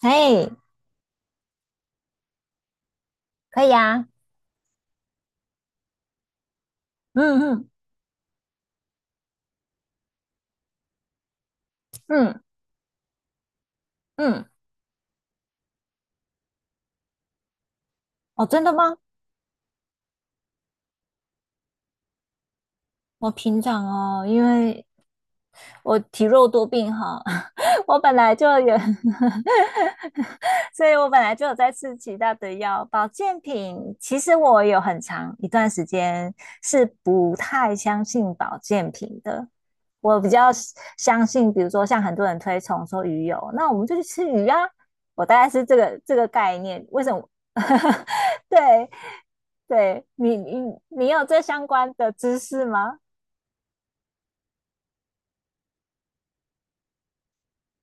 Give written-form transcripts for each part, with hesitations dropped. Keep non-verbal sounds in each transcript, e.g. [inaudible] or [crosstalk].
哎，可以啊。嗯嗯嗯嗯，哦，真的吗？我平常哦，因为我体弱多病哈，[laughs] 我本来就有 [laughs] 所以我本来就有在吃其他的药，保健品。其实我有很长一段时间是不太相信保健品的，我比较相信，比如说像很多人推崇说鱼油，那我们就去吃鱼啊，我大概是这个概念。为什么？[laughs] 对，对你，你有这相关的知识吗？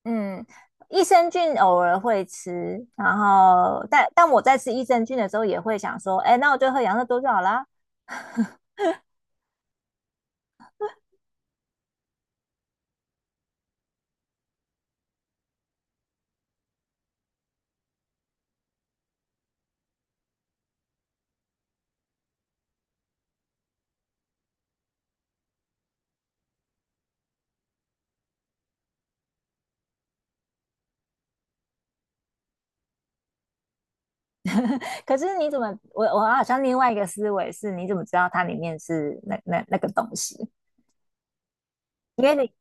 嗯，益生菌偶尔会吃，然后但我在吃益生菌的时候也会想说，哎，那我就喝养乐多就好啦。[laughs] 可是你怎么，我好像另外一个思维是，你怎么知道它里面是那个东西？因为你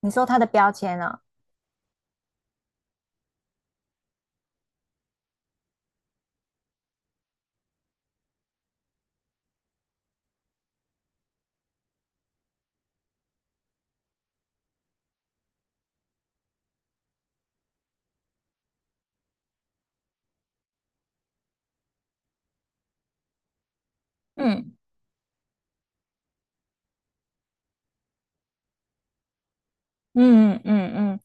你说它的标签啊。嗯嗯嗯嗯，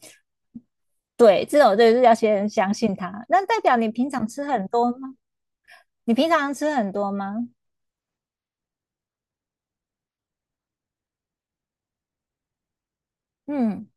对，这种就是要先相信它。那代表你平常吃很多吗？你平常吃很多吗？嗯。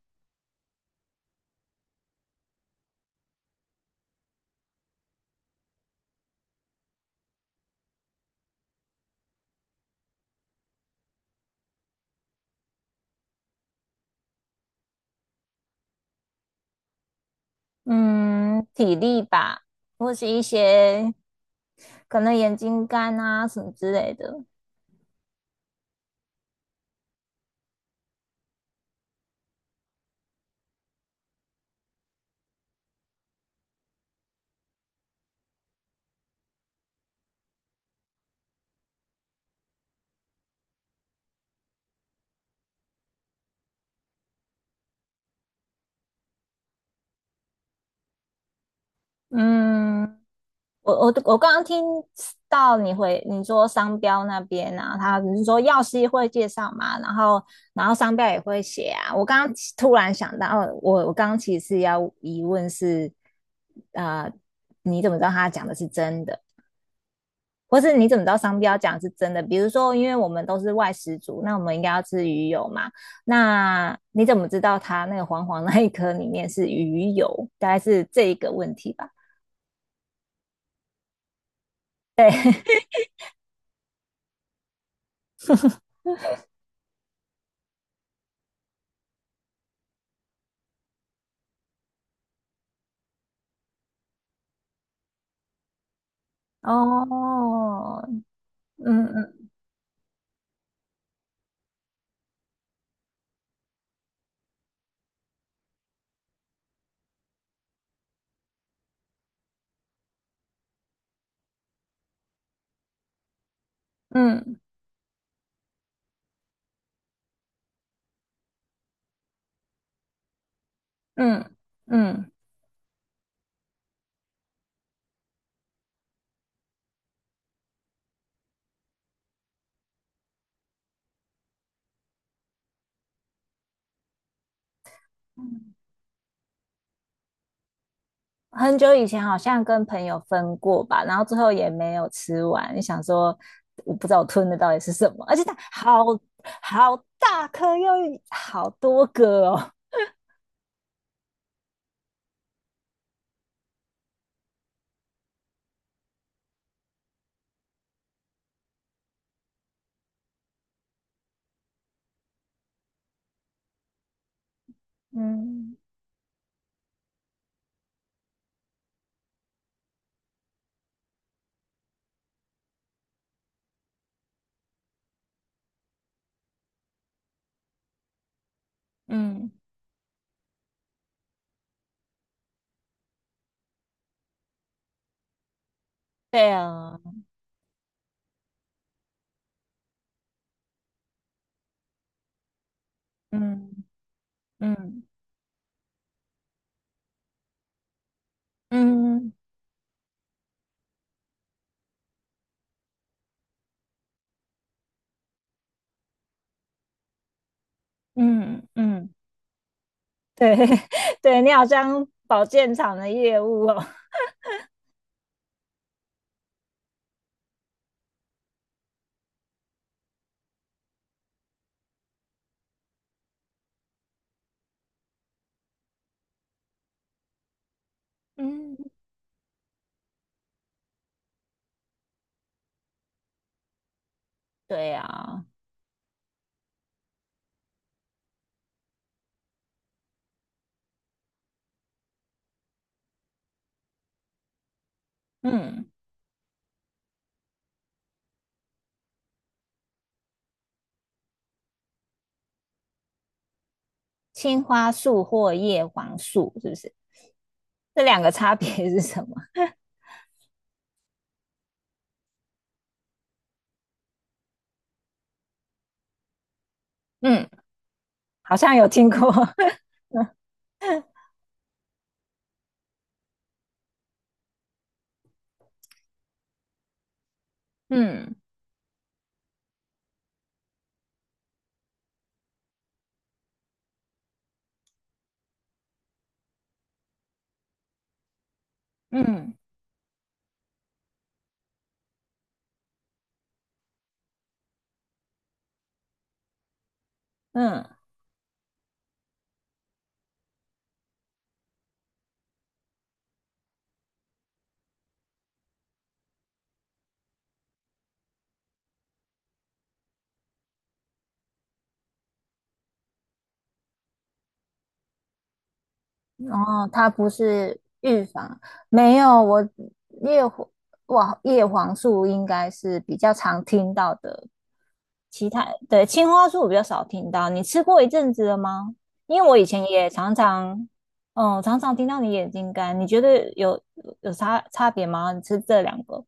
嗯，体力吧，或是一些可能眼睛干啊什么之类的。嗯，我刚刚听到你回你说商标那边啊，他只是说药师会介绍嘛，然后然后商标也会写啊。我刚刚其突然想到，哦我刚刚其实要疑问是，呃，你怎么知道他讲的是真的？或是你怎么知道商标讲是真的？比如说，因为我们都是外食族，那我们应该要吃鱼油嘛？那你怎么知道它那个黄黄那一颗里面是鱼油？大概是这一个问题吧。哦。嗯嗯嗯嗯嗯，很久以前好像跟朋友分过吧，然后最后也没有吃完，你想说我不知道我吞的到底是什么，而且它好大颗又好多个哦。嗯嗯。对啊。嗯嗯嗯嗯嗯，对 [laughs] 对你好像保健厂的业务哦。嗯对啊。嗯，青花素或叶黄素是不是？这两个差别是什么？嗯好像有听过。[laughs] 嗯嗯，嗯。哦，它不是预防。没有，我叶黄哇，叶黄素应该是比较常听到的，其他对青花素我比较少听到。你吃过一阵子了吗？因为我以前也常常，嗯，常常听到你眼睛干，你觉得有有差别吗？你吃这两个，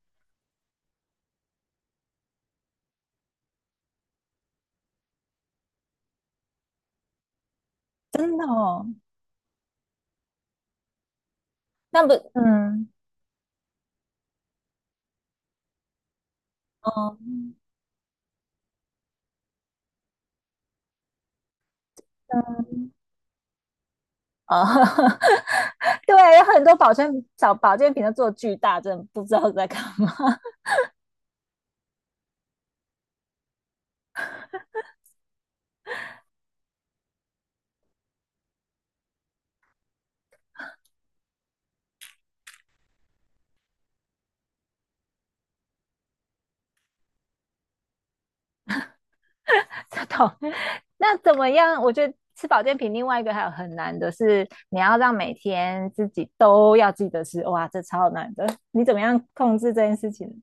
真的哦？那不，嗯，哦。哦，[laughs] 对，有很多保健保健品都做巨大，真的不知道在干嘛。[laughs] 这种。那怎么样？我觉得吃保健品另外一个还有很难的是，你要让每天自己都要记得吃，哇，这超难的。你怎么样控制这件事情？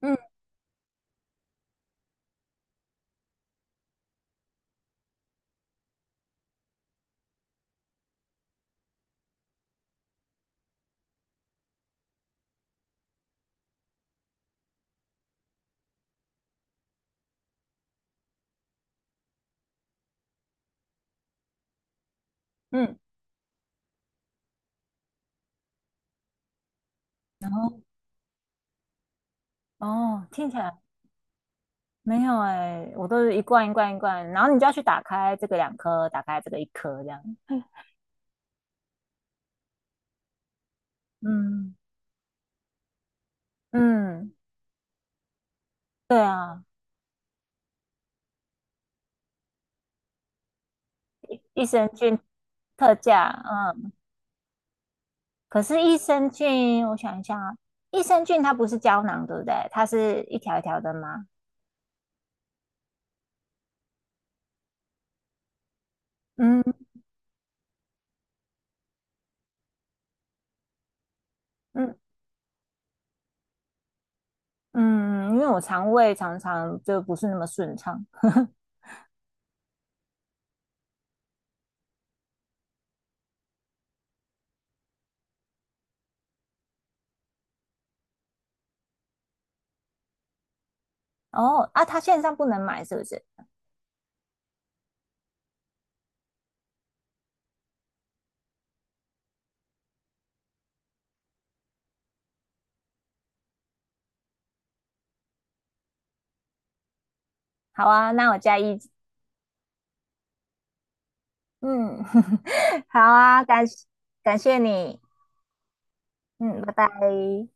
嗯嗯，然后哦，听起来没有哎、我都是一罐一罐，然后你就要去打开这个两颗，打开这个一颗这样。嗯嗯，对啊，益生菌特价，嗯，可是益生菌，我想一下啊，益生菌它不是胶囊，对不对？它是一条一条的吗？嗯嗯嗯，因为我肠胃常常就不是那么顺畅。[laughs] 哦啊，他线上不能买是不是？好啊，那我加一。嗯，[laughs] 好啊，感谢你。嗯，拜拜。